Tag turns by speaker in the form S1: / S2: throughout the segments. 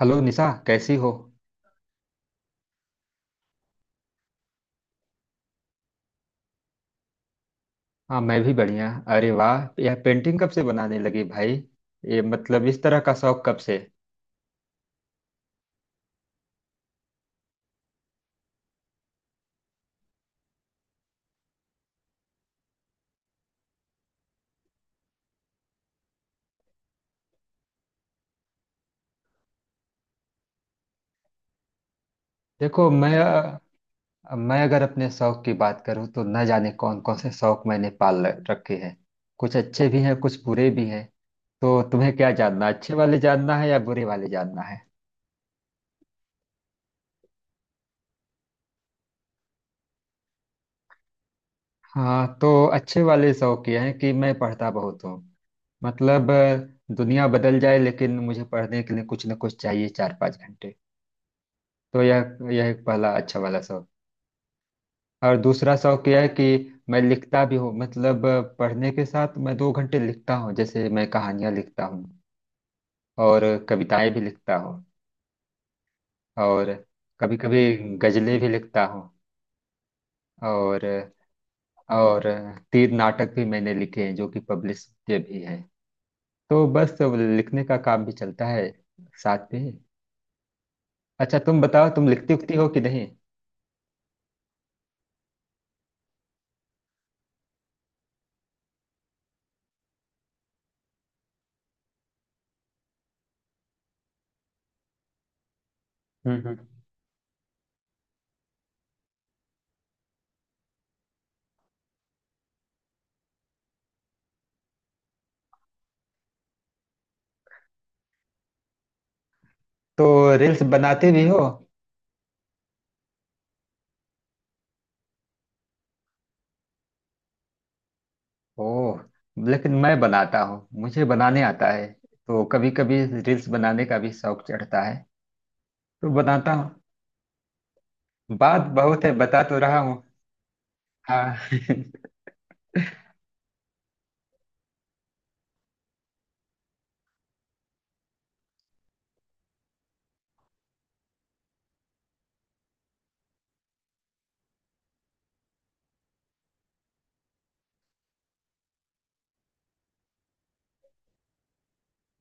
S1: Hello Nisha, कैसी हो? हाँ, मैं भी बढ़िया। अरे वाह, यह पेंटिंग कब से बनाने लगी भाई? ये मतलब इस तरह का शौक कब से? देखो, मैं अगर अपने शौक की बात करूँ तो न जाने कौन कौन से शौक मैंने रखे हैं। कुछ अच्छे भी हैं कुछ बुरे भी हैं। तो तुम्हें क्या जानना, अच्छे वाले जानना है या बुरे वाले जानना है? हाँ तो, अच्छे वाले शौक ये हैं कि मैं पढ़ता बहुत हूँ। मतलब दुनिया बदल जाए लेकिन मुझे पढ़ने के लिए कुछ न कुछ चाहिए, 4 5 घंटे। तो यह एक पहला अच्छा वाला शौक। और दूसरा शौक यह है कि मैं लिखता भी हूँ। मतलब पढ़ने के साथ मैं 2 घंटे लिखता हूँ, जैसे मैं कहानियाँ लिखता हूँ और कविताएं भी लिखता हूँ। और कभी कभी गजलें भी लिखता हूँ। और और तीन नाटक भी मैंने लिखे हैं जो कि पब्लिश किए भी हैं। तो बस लिखने का काम भी चलता है साथ में। अच्छा तुम बताओ, तुम लिखती उखती हो कि नहीं? हम्म हम्म। तो रील्स बनाते भी हो? ओह। लेकिन मैं बनाता हूँ, मुझे बनाने आता है तो कभी कभी रील्स बनाने का भी शौक चढ़ता है, तो बनाता हूँ। बात बहुत है, बता तो रहा हूँ। हाँ।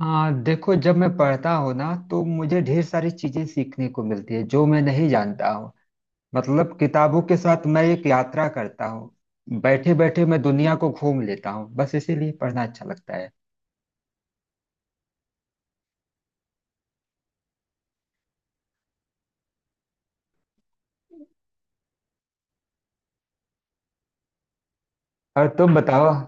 S1: हाँ देखो, जब मैं पढ़ता हूँ ना तो मुझे ढेर सारी चीजें सीखने को मिलती है जो मैं नहीं जानता हूँ। मतलब किताबों के साथ मैं एक यात्रा करता हूँ। बैठे बैठे मैं दुनिया को घूम लेता हूँ, बस इसीलिए पढ़ना अच्छा लगता है। और तुम बताओ।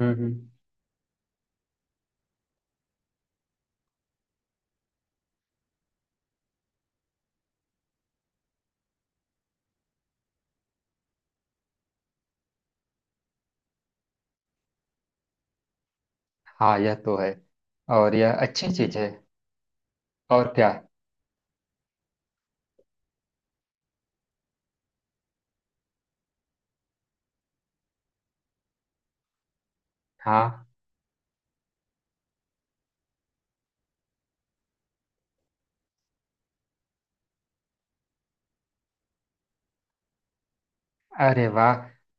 S1: हम्म। हाँ, यह तो है। और यह अच्छी चीज है। और क्या? हाँ। अरे वाह।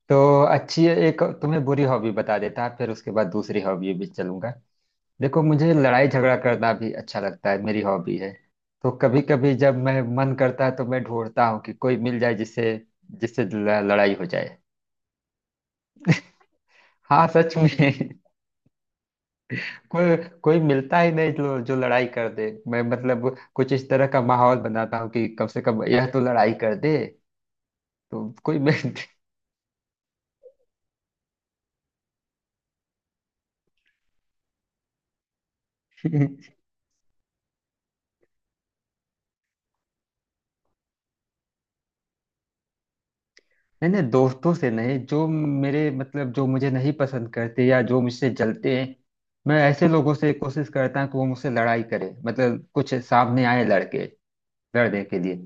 S1: तो अच्छी है, एक तुम्हें बुरी हॉबी बता देता फिर उसके बाद दूसरी हॉबी भी चलूंगा। देखो, मुझे लड़ाई झगड़ा करना भी अच्छा लगता है, मेरी हॉबी है। तो कभी कभी जब मैं मन करता है तो मैं ढूंढता हूँ कि कोई मिल जाए जिससे जिससे ल- लड़ाई हो जाए। हाँ सच में। कोई कोई मिलता ही नहीं जो जो लड़ाई कर दे। मैं मतलब कुछ इस तरह का माहौल बनाता हूँ कि कम से कम यह तो लड़ाई कर दे। तो कोई मिल... नहीं नहीं, दोस्तों से नहीं। जो मेरे मतलब जो मुझे नहीं पसंद करते या जो मुझसे जलते हैं, मैं ऐसे लोगों से कोशिश करता हूँ कि वो मुझसे लड़ाई करे। मतलब कुछ सामने आए लड़के, लड़ने के लिए।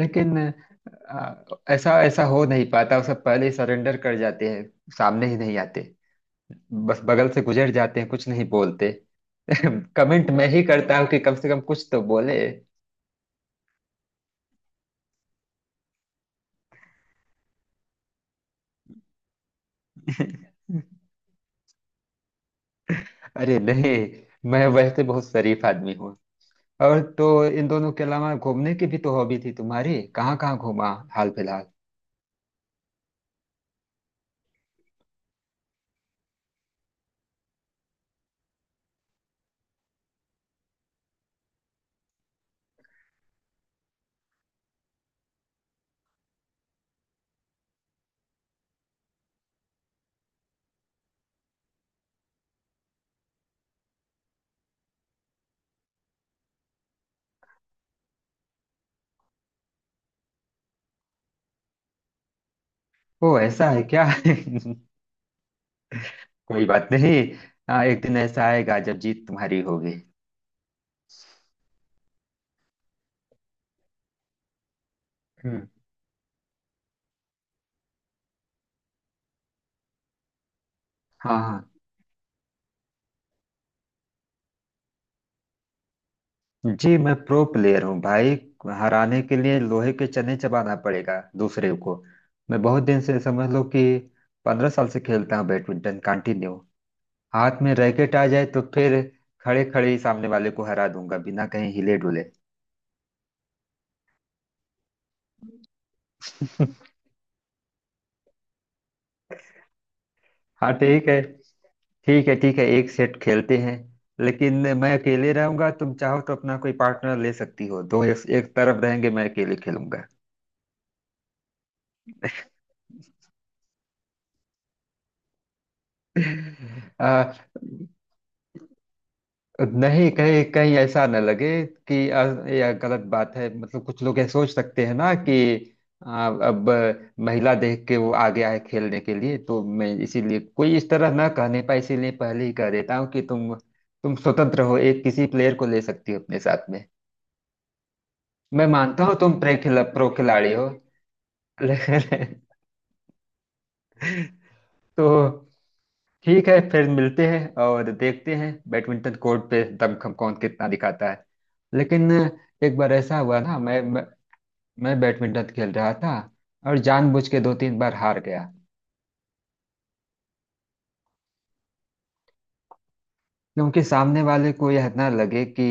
S1: लेकिन आ, ऐसा ऐसा हो नहीं पाता, वो सब पहले सरेंडर कर जाते हैं। सामने ही नहीं आते, बस बगल से गुजर जाते हैं, कुछ नहीं बोलते। कमेंट मैं ही करता हूँ कि कम से कम कुछ तो बोले। अरे नहीं, मैं वैसे बहुत शरीफ आदमी हूँ। और तो इन दोनों के अलावा घूमने की भी तो हॉबी थी तुम्हारी, कहाँ कहाँ घूमा हाल फिलहाल? ओ, ऐसा है क्या? कोई बात नहीं। हाँ, एक दिन ऐसा आएगा जब जीत तुम्हारी होगी। हम्म। हाँ हाँ। जी, मैं प्रो प्लेयर हूँ भाई। हराने के लिए लोहे के चने चबाना पड़ेगा दूसरे को। मैं बहुत दिन से, समझ लो कि 15 साल से खेलता हूँ बैडमिंटन कंटिन्यू। हाथ में रैकेट आ जाए तो फिर खड़े खड़े ही सामने वाले को हरा दूंगा, बिना कहीं हिले डुले। हाँ ठीक है। ठीक है ठीक है, एक सेट खेलते हैं। लेकिन मैं अकेले रहूंगा, तुम चाहो तो अपना कोई पार्टनर ले सकती हो, दो एक, एक तरफ रहेंगे, मैं अकेले खेलूंगा। आ, नहीं, कहीं कहीं ऐसा न लगे कि यह गलत बात है। मतलब कुछ लोग ये सोच सकते हैं ना कि अब महिला देख के वो आ गया है खेलने के लिए। तो मैं इसीलिए, कोई इस तरह ना कहने पाए इसीलिए, पहले ही कह देता हूँ कि तुम स्वतंत्र हो, एक किसी प्लेयर को ले सकती हो अपने साथ। मैं मानता हूँ तुम प्रो खिलाड़ी हो। लेकिन... तो ठीक है, फिर मिलते हैं और देखते हैं बैडमिंटन कोर्ट पे दमखम कौन कितना दिखाता है। लेकिन एक बार ऐसा हुआ ना, मैं बैडमिंटन खेल रहा था, और जानबूझ के दो तीन बार हार गया। क्योंकि सामने वाले को यह ना लगे कि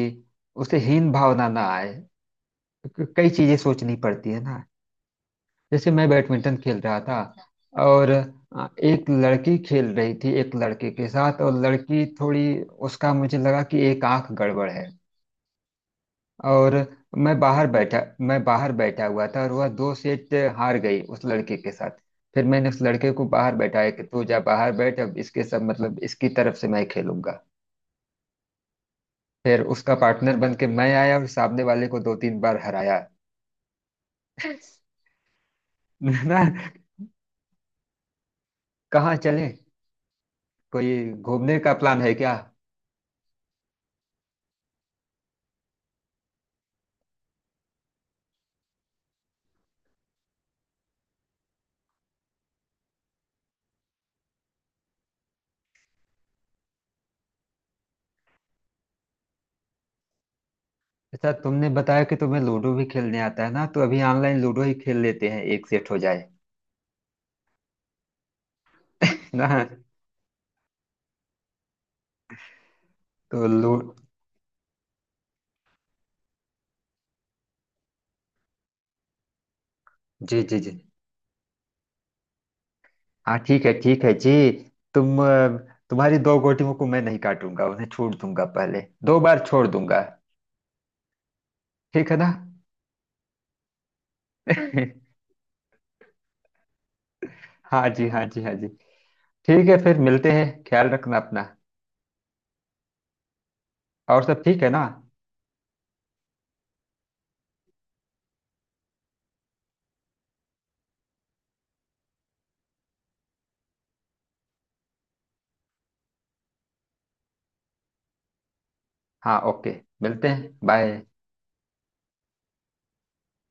S1: उसे हीन भावना ना आए। क्योंकि कई चीजें सोचनी पड़ती है ना। जैसे मैं बैडमिंटन खेल रहा था, और एक लड़की खेल रही थी एक लड़के के साथ, और लड़की थोड़ी, उसका मुझे लगा कि एक आंख गड़बड़ है। और मैं बाहर बैठा मैं बाहर बैठा हुआ था, और वह दो सेट हार गई उस लड़के के साथ। फिर मैंने उस लड़के को बाहर बैठाया कि तू जा बाहर बैठ, अब इसके सब मतलब इसकी तरफ से मैं खेलूंगा। फिर उसका पार्टनर बन के मैं आया, और सामने वाले को दो तीन बार हराया। ना? कहाँ चले? कोई घूमने का प्लान है क्या? अच्छा, तुमने बताया कि तुम्हें लूडो भी खेलने आता है ना, तो अभी ऑनलाइन लूडो ही खेल लेते हैं, एक सेट हो जाए। ना? तो लू... जी जी जी। हाँ ठीक है जी। तुम अ, तुम्हारी दो गोटियों को मैं नहीं काटूंगा, उन्हें छोड़ दूंगा, पहले दो बार छोड़ दूंगा। ठीक है ना? हाँ जी हाँ जी हाँ जी। ठीक है, फिर मिलते हैं, ख्याल रखना अपना। और सब ठीक है ना? हाँ ओके। मिलते हैं, बाय।